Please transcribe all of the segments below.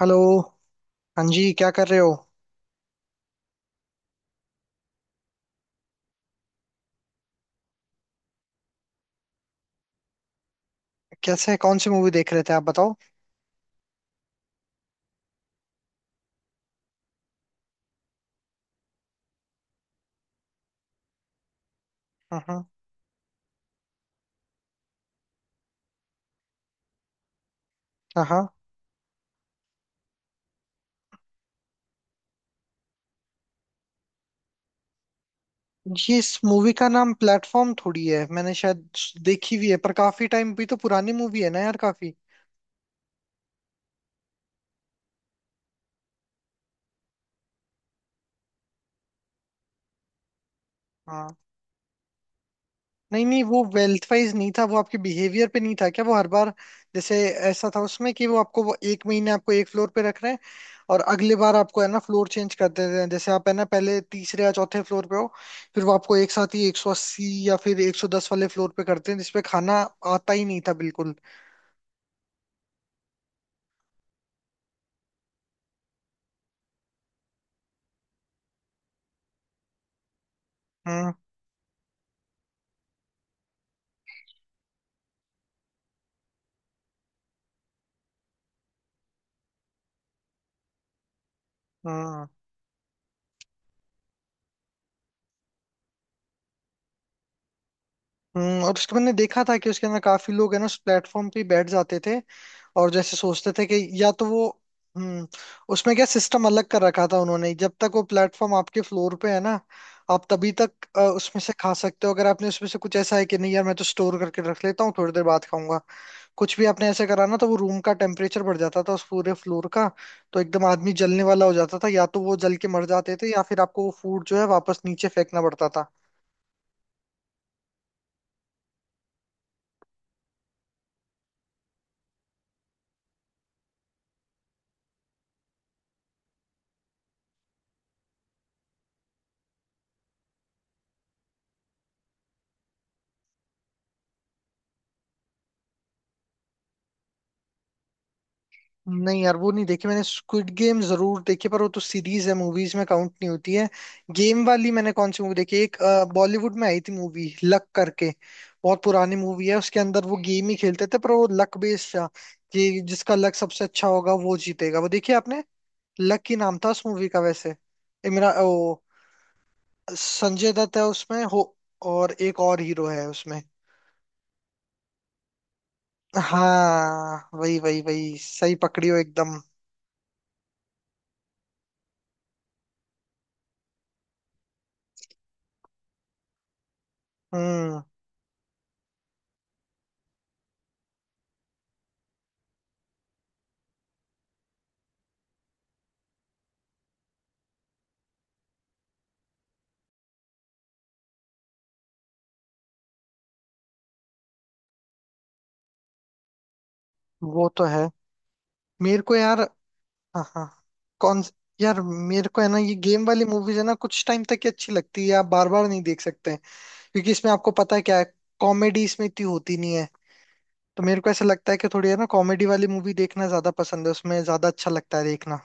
Hello. हाँ जी, क्या कर रहे हो? कैसे? कौन सी मूवी देख रहे थे आप? बताओ। हाँ हाँ। हाँ हाँ। ये इस मूवी का नाम प्लेटफॉर्म थोड़ी है, मैंने शायद देखी भी है, पर काफी टाइम भी तो पुरानी मूवी है ना यार, काफी। हाँ। नहीं नहीं, वो वेल्थ वाइज नहीं था। वो आपके बिहेवियर पे नहीं था क्या? वो हर बार जैसे ऐसा था उसमें कि वो आपको, वो एक महीने आपको एक फ्लोर पे रख रहे हैं। और अगले बार आपको है ना फ्लोर चेंज कर देते हैं। जैसे आप है ना पहले, तीसरे या चौथे फ्लोर पे हो, फिर वो आपको एक साथ ही 180 या फिर 110 वाले फ्लोर पे करते हैं, जिसपे खाना आता ही नहीं था बिल्कुल। हम्म हम्म और उसके मैंने देखा था कि उसके अंदर काफी लोग है ना उस प्लेटफॉर्म पे ही बैठ जाते थे, और जैसे सोचते थे कि या तो वो हम्म उसमें क्या सिस्टम अलग कर रखा था उन्होंने। जब तक वो प्लेटफॉर्म आपके फ्लोर पे है ना, आप तभी तक उसमें से खा सकते हो। अगर आपने उसमें से कुछ ऐसा है कि नहीं यार, मैं तो स्टोर करके रख लेता हूँ, थोड़ी देर बाद खाऊंगा, कुछ भी आपने ऐसे करा ना, तो वो रूम का टेम्परेचर बढ़ जाता था उस पूरे फ्लोर का। तो एकदम आदमी जलने वाला हो जाता था, या तो वो जल के मर जाते थे, या फिर आपको वो फूड जो है वापस नीचे फेंकना पड़ता था। नहीं यार, वो नहीं देखी मैंने। स्क्विड गेम जरूर देखी, पर वो तो सीरीज है, मूवीज में काउंट नहीं होती है। गेम वाली मैंने कौन सी मूवी देखी, एक बॉलीवुड में आई थी मूवी लक करके। बहुत पुरानी मूवी है, उसके अंदर वो गेम ही खेलते थे, पर वो लक बेस्ड था कि जिसका लक सबसे अच्छा होगा वो जीतेगा। वो देखी आपने? लक ही नाम था उस मूवी का वैसे। इमरा ओ। संजय दत्त है उसमें हो। और एक और हीरो है उसमें। हाँ वही वही वही, सही पकड़ी हो एकदम। हम्म। वो तो है। मेरे को यार हाँ हाँ। कौन? यार मेरे को है ना, ये गेम वाली मूवीज है ना कुछ टाइम तक ही अच्छी लगती है, आप बार बार नहीं देख सकते हैं। क्योंकि इसमें आपको पता है क्या है। कॉमेडी इसमें इतनी होती नहीं है। तो मेरे को ऐसा लगता है कि थोड़ी है ना कॉमेडी वाली मूवी देखना ज्यादा पसंद है, उसमें ज्यादा अच्छा लगता है देखना।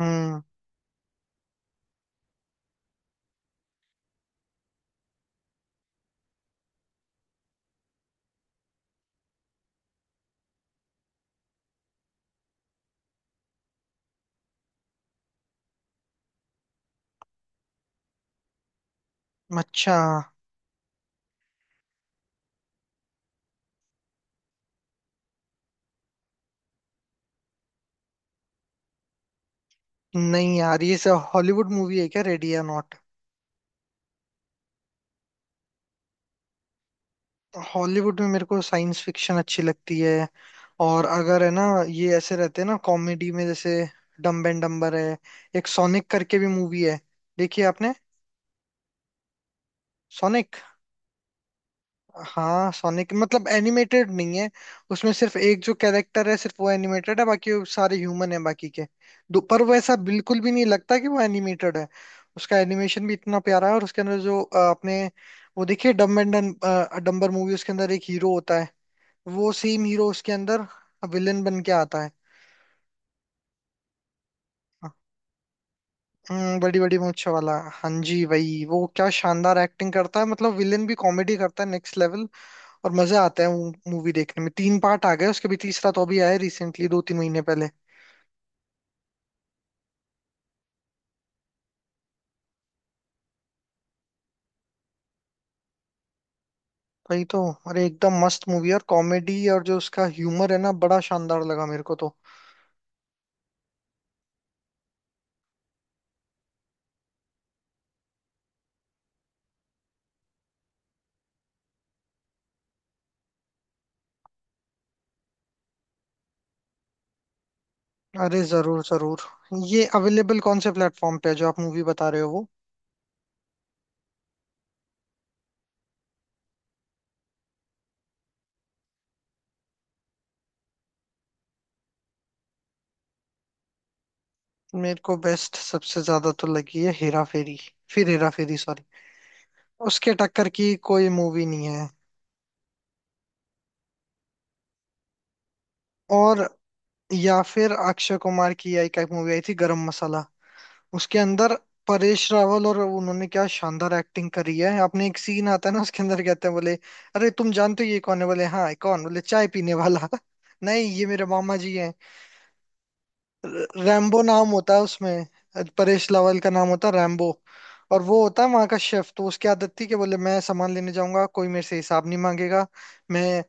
हम्म। अच्छा, नहीं यार, ये सब हॉलीवुड मूवी है क्या, रेडी या नॉट? हॉलीवुड में मेरे को साइंस फिक्शन अच्छी लगती है, और अगर है ना ये ऐसे रहते हैं ना कॉमेडी में, जैसे डम्ब एंड डम्बर है। एक सोनिक करके भी मूवी है, देखिए आपने? सोनिक? हाँ सोनिक मतलब एनिमेटेड नहीं है। उसमें सिर्फ एक जो कैरेक्टर है, सिर्फ वो एनिमेटेड है, बाकी वो सारे ह्यूमन है बाकी के दो। पर वो ऐसा बिल्कुल भी नहीं लगता कि वो एनिमेटेड है। उसका एनिमेशन भी इतना प्यारा है, और उसके अंदर जो अपने वो देखिए डम्ब एंड डम्बर मूवी, उसके अंदर एक हीरो होता है, वो सेम हीरो उसके अंदर विलन बन के आता है। हम्म, बड़ी बड़ी मूंछ वाला, हाँ जी वही। वो क्या शानदार एक्टिंग करता है, मतलब विलेन भी कॉमेडी करता है नेक्स्ट लेवल। और मजे आते हैं मूवी देखने में। तीन पार्ट आ गए उसके भी, तीसरा तो अभी आया रिसेंटली, 2-3 महीने पहले। वही तो। अरे एकदम मस्त मूवी है, और कॉमेडी और जो उसका ह्यूमर है ना, बड़ा शानदार लगा मेरे को तो। अरे जरूर जरूर। ये अवेलेबल कौन से प्लेटफॉर्म पे है, जो आप मूवी बता रहे हो वो? मेरे को बेस्ट सबसे ज्यादा तो लगी है हेरा फेरी, फिर हेरा फेरी, सॉरी। उसके टक्कर की कोई मूवी नहीं है। और या फिर अक्षय कुमार की एक एक मूवी आई थी, गरम मसाला। उसके अंदर परेश रावल, और उन्होंने क्या शानदार एक्टिंग करी है। आपने एक सीन आता है ना उसके अंदर, कहते हैं, बोले, अरे तुम जानते हो ये कौन है? बोले हाँ। कौन? बोले चाय पीने वाला। नहीं ये मेरे मामा जी हैं। रैम्बो नाम होता है उसमें, परेश रावल का नाम होता है रैम्बो। और वो होता है वहां का शेफ। तो उसकी आदत थी कि बोले मैं सामान लेने जाऊंगा, कोई मेरे से हिसाब नहीं मांगेगा। मैं,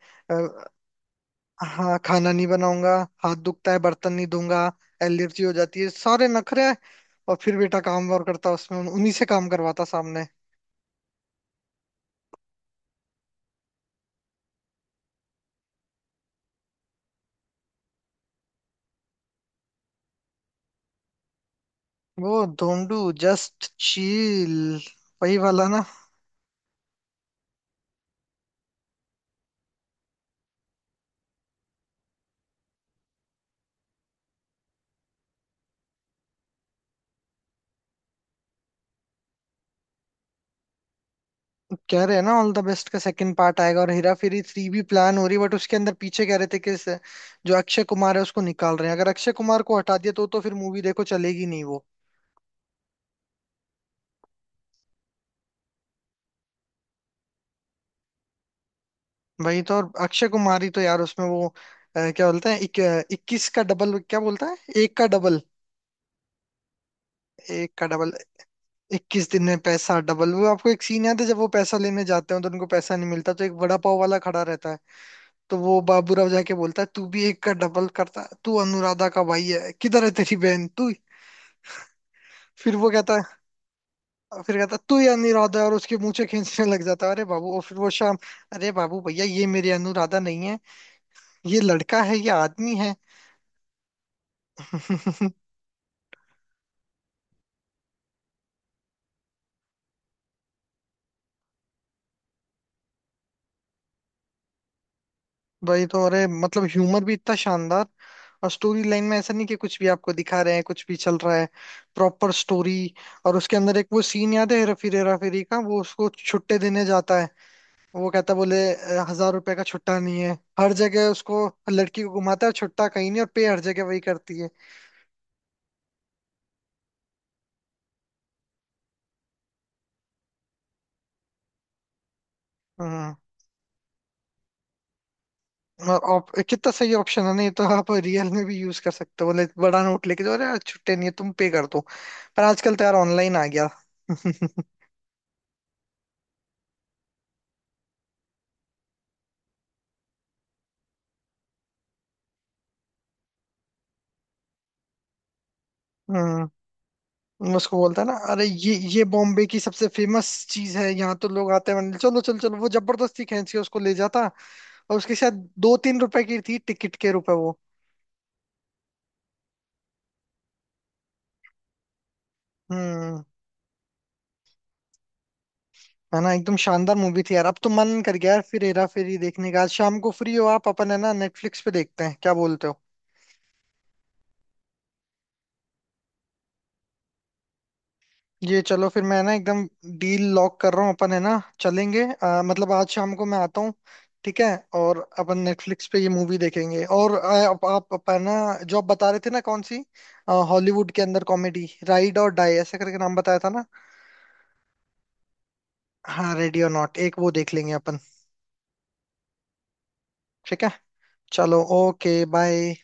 हाँ खाना नहीं बनाऊंगा, हाथ दुखता है बर्तन नहीं धोऊंगा, एलर्जी हो जाती है, सारे नखरे हैं। और फिर बेटा काम और करता उसमें, उन्हीं से काम करवाता सामने। वो धोंडू जस्ट चील, वही वाला ना। कह रहे हैं ना ऑल द बेस्ट का सेकंड पार्ट आएगा, और हेरा फेरी थ्री भी प्लान हो रही है, बट उसके अंदर पीछे कह रहे थे कि जो अक्षय कुमार है उसको निकाल रहे हैं। अगर अक्षय कुमार को हटा दिया, तो फिर मूवी देखो चलेगी नहीं वो। वही तो। और अक्षय कुमार ही तो यार उसमें वो, क्या बोलते हैं, 21 का डबल, क्या बोलता है, एक का डबल, एक का डबल। 21 दिन में पैसा डबल। वो आपको एक सीन याद है, जब वो पैसा लेने जाते हैं तो उनको पैसा नहीं मिलता, तो एक वड़ा पाव वाला खड़ा रहता है, तो वो बाबूराव जाके बोलता है, तू भी एक का डबल करता है, तू अनुराधा का भाई है, किधर है तेरी बहन तू? फिर वो कहता फिर कहता है, तू ही अनुराधा है, और उसके मूंछें खींचने लग जाता है। अरे बाबू, और फिर वो शाम, अरे बाबू भैया ये मेरी अनुराधा नहीं है, ये लड़का है, ये आदमी है। वही तो। अरे मतलब ह्यूमर भी इतना शानदार, और स्टोरी लाइन में ऐसा नहीं कि कुछ भी आपको दिखा रहे हैं, कुछ भी चल रहा है, प्रॉपर स्टोरी। और उसके अंदर एक वो सीन याद है, हेरा फेरी का, वो उसको छुट्टे देने जाता है, वो कहता है, बोले, 1000 रुपए का छुट्टा नहीं है। हर जगह उसको, लड़की को घुमाता है, छुट्टा कहीं नहीं, और पे हर जगह वही करती है। हम्म। और कितना सही ऑप्शन है, नहीं तो आप रियल में भी यूज कर सकते हो, बोले बड़ा नोट लेके जाओ, अरे यार, छुट्टे नहीं है, तुम पे कर दो। पर आजकल तो यार ऑनलाइन आ गया। हम्म। उसको बोलता है ना, अरे ये बॉम्बे की सबसे फेमस चीज है, यहाँ तो लोग आते हैं, चलो चलो चलो, वो जबरदस्ती खींच के उसको ले जाता। और उसके शायद 2-3 रुपए की थी, टिकट के रुपए वो। हम्म। है ना एकदम शानदार मूवी थी यार। अब तो मन कर गया यार फिर हेरा फेरी देखने का। आज शाम को फ्री हो आप? अपन है ना नेटफ्लिक्स पे देखते हैं, क्या बोलते हो? ये चलो, फिर मैं ना एकदम डील लॉक कर रहा हूँ। अपन है ना चलेंगे, मतलब आज शाम को मैं आता हूँ, ठीक है? और अपन नेटफ्लिक्स पे ये मूवी देखेंगे, और आप अपन ना, जो आप बता रहे थे ना कौन सी, हॉलीवुड के अंदर कॉमेडी, राइड और डाई ऐसे करके नाम बताया था ना। हाँ रेडी और नॉट, एक वो देख लेंगे अपन। ठीक है चलो। Okay bye.